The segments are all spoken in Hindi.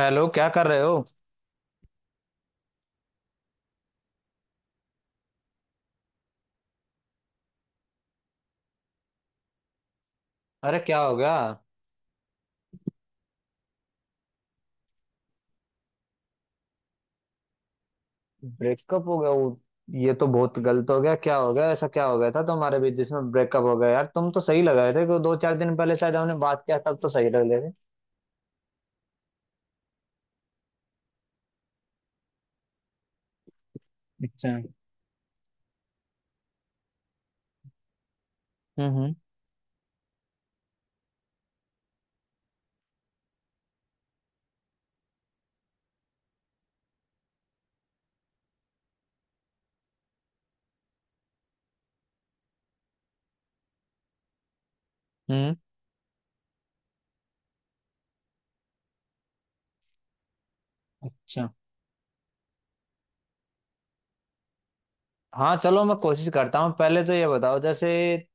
हेलो, क्या कर रहे हो? अरे, क्या हो गया? ब्रेकअप हो गया वो? ये तो बहुत गलत हो गया। क्या हो गया? ऐसा क्या हो गया था तुम्हारे बीच जिसमें ब्रेकअप हो गया? यार तुम तो सही लग रहे थे। कि दो चार दिन पहले शायद हमने बात किया, तब तो सही लग रहे थे। अच्छा। हम्म। हम्म हम्म। अच्छा, हाँ, चलो मैं कोशिश करता हूँ। पहले तो ये बताओ, जैसे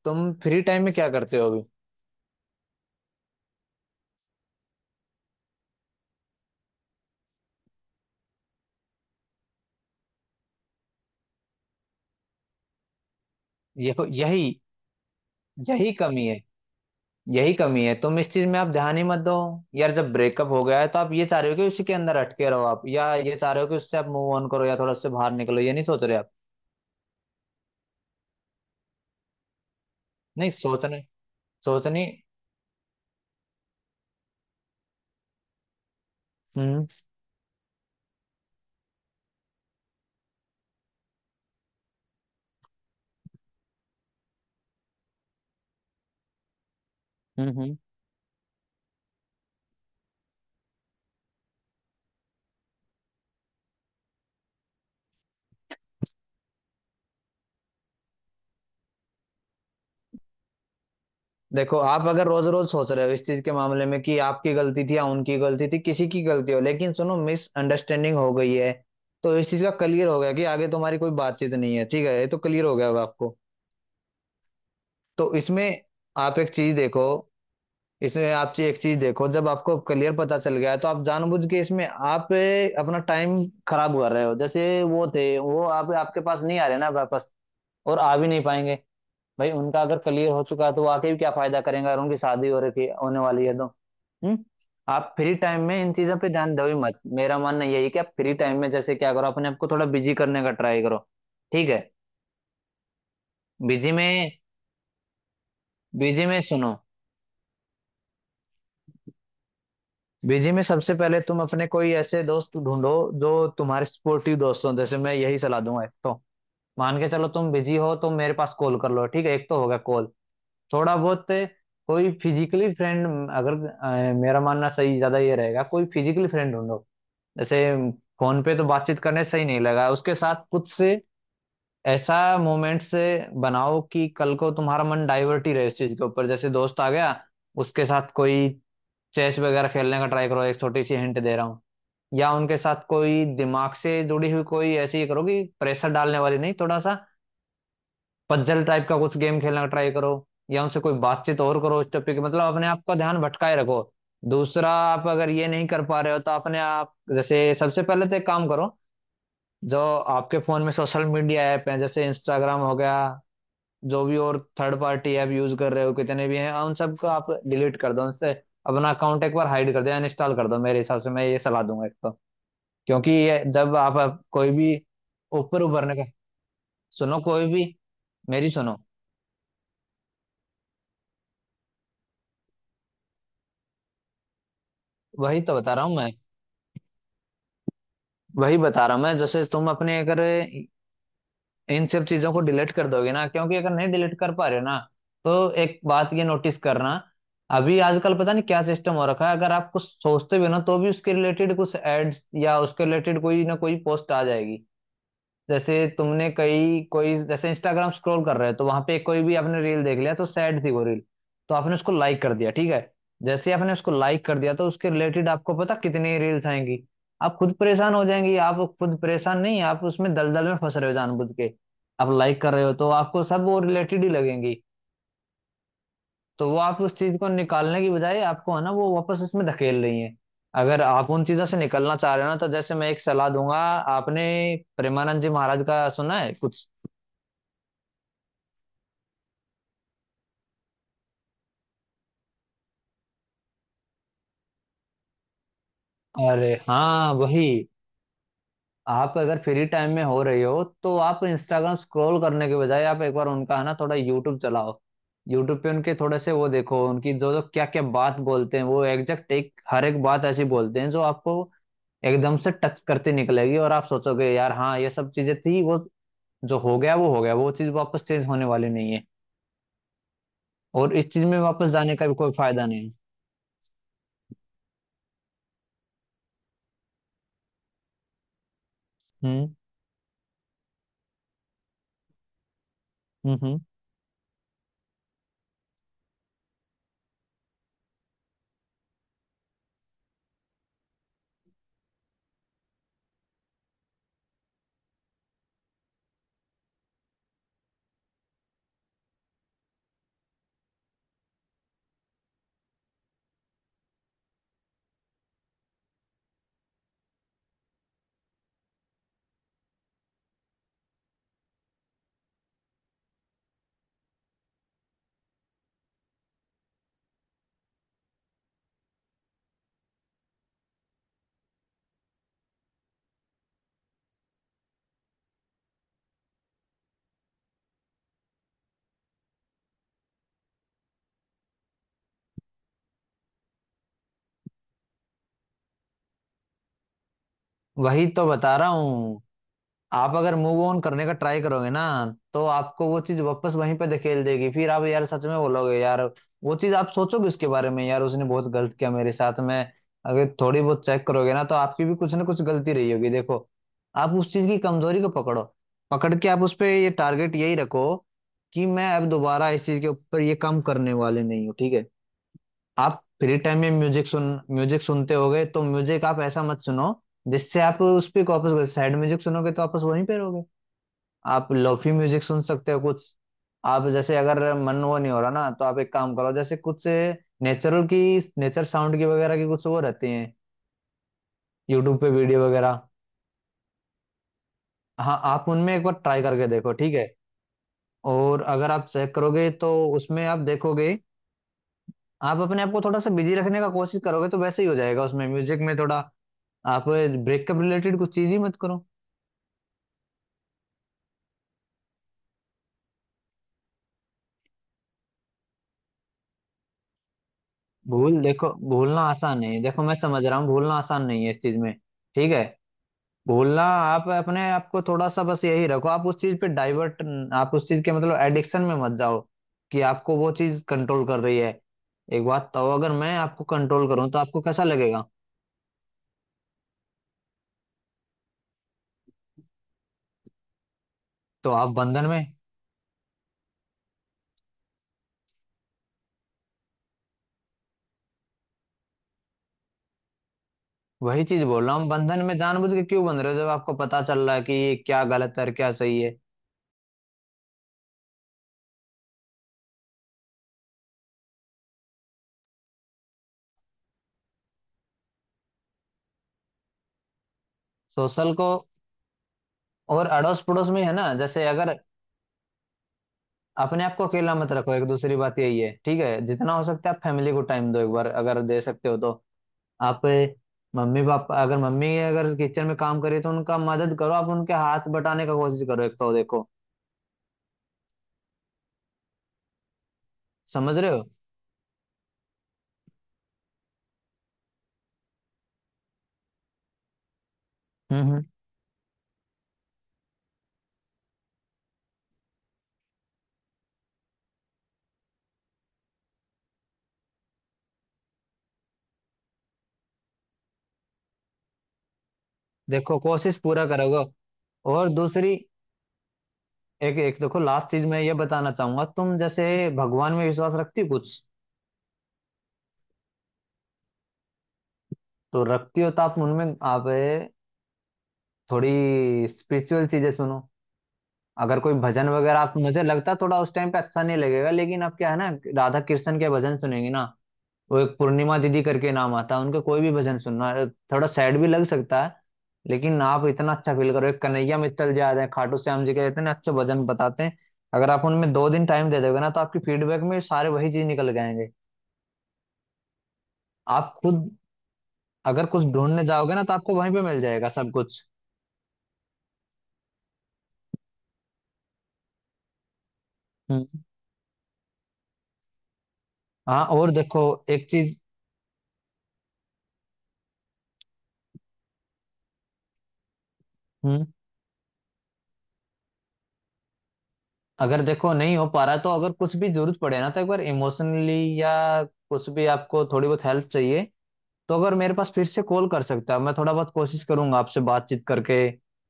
तुम फ्री टाइम में क्या करते हो अभी? ये तो यही यही कमी है। यही कमी है, तुम इस चीज में आप ध्यान ही मत दो। यार जब ब्रेकअप हो गया है, तो आप ये चाह रहे हो कि उसी के अंदर अटके रहो आप, या ये चाह रहे हो कि उससे आप मूव ऑन करो, या थोड़ा उससे बाहर निकलो? ये नहीं सोच रहे आप? नहीं सोचने, सोचनी। हम्म हम्म हम्म। देखो, आप अगर रोज रोज सोच रहे हो इस चीज के मामले में कि आपकी गलती थी या उनकी गलती थी, किसी की गलती हो, लेकिन सुनो, मिसअंडरस्टैंडिंग हो गई है। तो इस चीज का क्लियर हो गया कि आगे तुम्हारी कोई बातचीत नहीं है। ठीक है, ये तो क्लियर हो गया होगा आपको। तो इसमें आप एक चीज देखो। इसमें आप एक चीज देखो, जब आपको क्लियर पता चल गया है तो आप जानबूझ के इसमें आप अपना टाइम खराब कर रहे हो। जैसे वो थे, वो आप आपके पास नहीं आ रहे ना वापस, और आ भी नहीं पाएंगे। भाई उनका अगर क्लियर हो चुका है, तो वो आके भी क्या फायदा करेंगे, अगर उनकी शादी हो रखी होने वाली है तो। हम्म। आप फ्री टाइम में इन चीजों पे ध्यान दो ही मत। मेरा मानना यही है कि आप फ्री टाइम में जैसे क्या करो, अपने आप को थोड़ा बिजी करने का ट्राई करो। ठीक है? बिजी में बिजी में सुनो, बीजी में सबसे पहले तुम अपने कोई ऐसे दोस्त ढूंढो जो तुम्हारे सपोर्टिव दोस्त हो। जैसे मैं यही सलाह दूंगा, एक तो मान के चलो तुम बिजी हो तो मेरे पास कॉल कर लो। ठीक है, एक तो होगा कॉल। थोड़ा बहुत कोई फिजिकली फ्रेंड, अगर मेरा मानना सही ज्यादा ये रहेगा, कोई फिजिकली फ्रेंड ढूंढो। जैसे फोन पे तो बातचीत करने सही नहीं लगा उसके साथ कुछ से, ऐसा मोमेंट से बनाओ कि कल को तुम्हारा मन डाइवर्ट ही रहे इस चीज के ऊपर। जैसे दोस्त आ गया, उसके साथ कोई चेस वगैरह खेलने का ट्राई करो। एक छोटी सी हिंट दे रहा हूँ। या उनके साथ कोई दिमाग से जुड़ी हुई कोई ऐसी करो कि प्रेशर डालने वाली नहीं, थोड़ा सा पजल टाइप का कुछ गेम खेलने का ट्राई करो। या उनसे कोई बातचीत और करो उस टॉपिक, मतलब अपने आप का ध्यान भटकाए रखो। दूसरा, आप अगर ये नहीं कर पा रहे हो, तो अपने आप, जैसे सबसे पहले तो एक काम करो, जो आपके फोन में सोशल मीडिया ऐप है, जैसे इंस्टाग्राम हो गया, जो भी और थर्ड पार्टी ऐप यूज कर रहे हो कितने भी हैं, उन सबको आप डिलीट कर दो। उनसे अपना अकाउंट एक बार हाइड कर दो, या इंस्टॉल कर दो। मेरे हिसाब से मैं ये सलाह दूंगा एक तो, क्योंकि ये जब आप कोई भी ऊपर उभरने का, सुनो कोई भी, मेरी सुनो। वही तो बता रहा हूँ मैं, वही बता रहा हूँ मैं। जैसे तुम अपने अगर इन सब चीजों को डिलीट कर दोगे ना, क्योंकि अगर नहीं डिलीट कर पा रहे हो ना, तो एक बात ये नोटिस करना। अभी आजकल पता नहीं क्या सिस्टम हो रखा है, अगर आप कुछ सोचते भी हो ना, तो भी उसके रिलेटेड कुछ एड्स या उसके रिलेटेड कोई ना कोई पोस्ट आ जाएगी। जैसे तुमने कई कोई, जैसे इंस्टाग्राम स्क्रॉल कर रहे हो, तो वहां पे कोई भी आपने रील देख लिया, तो सैड थी वो रील, तो आपने उसको लाइक कर दिया, ठीक है? जैसे आपने उसको लाइक कर दिया, तो उसके रिलेटेड आपको पता कितनी रील्स आएंगी। आप खुद परेशान हो जाएंगी। आप खुद परेशान नहीं, आप उसमें दलदल में फंस रहे हो जानबूझ के। आप लाइक कर रहे हो, तो आपको सब वो रिलेटेड ही लगेंगी। तो वो आप उस चीज को निकालने की बजाय, आपको है ना, वो वापस उसमें धकेल रही है। अगर आप उन चीजों से निकलना चाह रहे हो ना, तो जैसे मैं एक सलाह दूंगा, आपने प्रेमानंद जी महाराज का सुना है कुछ? अरे हाँ वही। आप अगर फ्री टाइम में हो रही हो, तो आप इंस्टाग्राम स्क्रॉल करने के बजाय आप एक बार उनका है ना थोड़ा यूट्यूब चलाओ। यूट्यूब पे उनके थोड़े से वो देखो। उनकी जो जो क्या क्या बात बोलते हैं, वो एग्जैक्ट एक हर एक बात ऐसी बोलते हैं जो आपको एकदम से टच करती निकलेगी। और आप सोचोगे, यार हाँ, ये सब चीजें थी वो। जो हो गया वो हो गया, वो चीज वापस चेंज होने वाली नहीं है। और इस चीज में वापस जाने का भी कोई फायदा नहीं है। हम्म हम्म हम्म। वही तो बता रहा हूँ। आप अगर मूव ऑन करने का ट्राई करोगे ना, तो आपको वो चीज वापस वहीं पे धकेल देगी। फिर आप यार सच में बोलोगे, यार वो चीज आप सोचोगे उसके बारे में, यार उसने बहुत गलत किया मेरे साथ में। अगर थोड़ी बहुत चेक करोगे ना, तो आपकी भी कुछ ना कुछ गलती रही होगी। देखो, आप उस चीज की कमजोरी को पकड़ो। पकड़ के आप उस पे ये टारगेट यही रखो कि मैं अब दोबारा इस चीज के ऊपर ये काम करने वाले नहीं हूँ। ठीक है? आप फ्री टाइम में म्यूजिक सुन, म्यूजिक सुनते होगे तो म्यूजिक आप ऐसा मत सुनो जिससे आप उस पर वापस, सैड म्यूजिक सुनोगे तो वापस वहीं पे रहोगे। आप लोफी म्यूजिक सुन सकते हो कुछ। आप जैसे अगर मन वो नहीं हो रहा ना, तो आप एक काम करो, जैसे कुछ नेचुरल की, नेचर साउंड की वगैरह की कुछ वो रहती हैं, यूट्यूब पे वीडियो वगैरह। हाँ, आप उनमें एक बार ट्राई करके देखो, ठीक है? और अगर आप चेक करोगे, तो उसमें आप देखोगे, आप अपने आप को थोड़ा सा बिजी रखने का कोशिश करोगे तो वैसे ही हो जाएगा। उसमें म्यूजिक में थोड़ा आप ब्रेकअप रिलेटेड कुछ चीज ही मत करो। भूल, देखो, भूलना आसान नहीं है। देखो मैं समझ रहा हूँ, भूलना आसान नहीं है इस चीज में। ठीक है? बोलना, आप अपने आप को थोड़ा सा बस यही रखो, आप उस चीज पे डाइवर्ट, आप उस चीज के मतलब एडिक्शन में मत जाओ कि आपको वो चीज कंट्रोल कर रही है। एक बात तो, अगर मैं आपको कंट्रोल करूं तो आपको कैसा लगेगा? तो आप बंधन में, वही चीज बोल रहा हूँ, बंधन में जानबूझ के क्यों बंध रहे हो, जब आपको पता चल रहा है कि ये क्या गलत है और क्या सही है। सोशल को, और अड़ोस पड़ोस में है ना, जैसे अगर, अपने आप को अकेला मत रखो। एक दूसरी बात यही है, ठीक है? जितना हो सकता है आप फैमिली को टाइम दो, एक बार अगर दे सकते हो तो। आप मम्मी पापा, अगर मम्मी अगर किचन में काम करे तो उनका मदद करो। आप उनके हाथ बटाने का कोशिश करो, एक तो। देखो समझ रहे हो? हम्म हम्म। देखो कोशिश पूरा करोगे। और दूसरी, एक एक देखो, लास्ट चीज मैं ये बताना चाहूंगा, तुम जैसे भगवान में विश्वास रखती हो कुछ? तो रखती हो, तो आप उनमें आप थोड़ी स्पिरिचुअल चीजें सुनो। अगर कोई भजन वगैरह, आप मुझे लगता है थोड़ा उस टाइम पे अच्छा नहीं लगेगा, लेकिन आप क्या है ना, राधा कृष्ण के भजन सुनेंगे ना, वो एक पूर्णिमा दीदी करके नाम आता है, उनके कोई भी भजन सुनना। थोड़ा सैड भी लग सकता है, लेकिन आप इतना अच्छा फील करो। एक कन्हैया मित्तल जी आ रहे हैं, खाटू श्याम जी के इतने अच्छे भजन बताते हैं। अगर आप उनमें दो दिन टाइम दे दोगे ना, तो आपकी फीडबैक में सारे वही चीज निकल जाएंगे। आप खुद अगर कुछ ढूंढने जाओगे ना, तो आपको वहीं पे मिल जाएगा सब कुछ। हम्म। हाँ, और देखो, एक चीज। हम्म। अगर देखो नहीं हो पा रहा, तो अगर कुछ भी जरूरत पड़े ना, तो एक बार इमोशनली, या कुछ भी आपको थोड़ी बहुत हेल्प चाहिए, तो अगर मेरे पास फिर से कॉल कर सकता है, मैं थोड़ा बहुत कोशिश करूंगा आपसे बातचीत करके,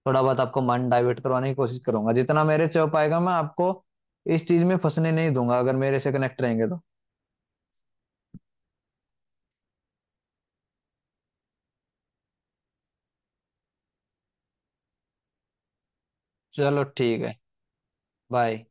थोड़ा बहुत आपका मन डाइवर्ट करवाने की कोशिश करूंगा, जितना मेरे से हो पाएगा। मैं आपको इस चीज में फंसने नहीं दूंगा अगर मेरे से कनेक्ट रहेंगे तो। चलो ठीक है, बाय।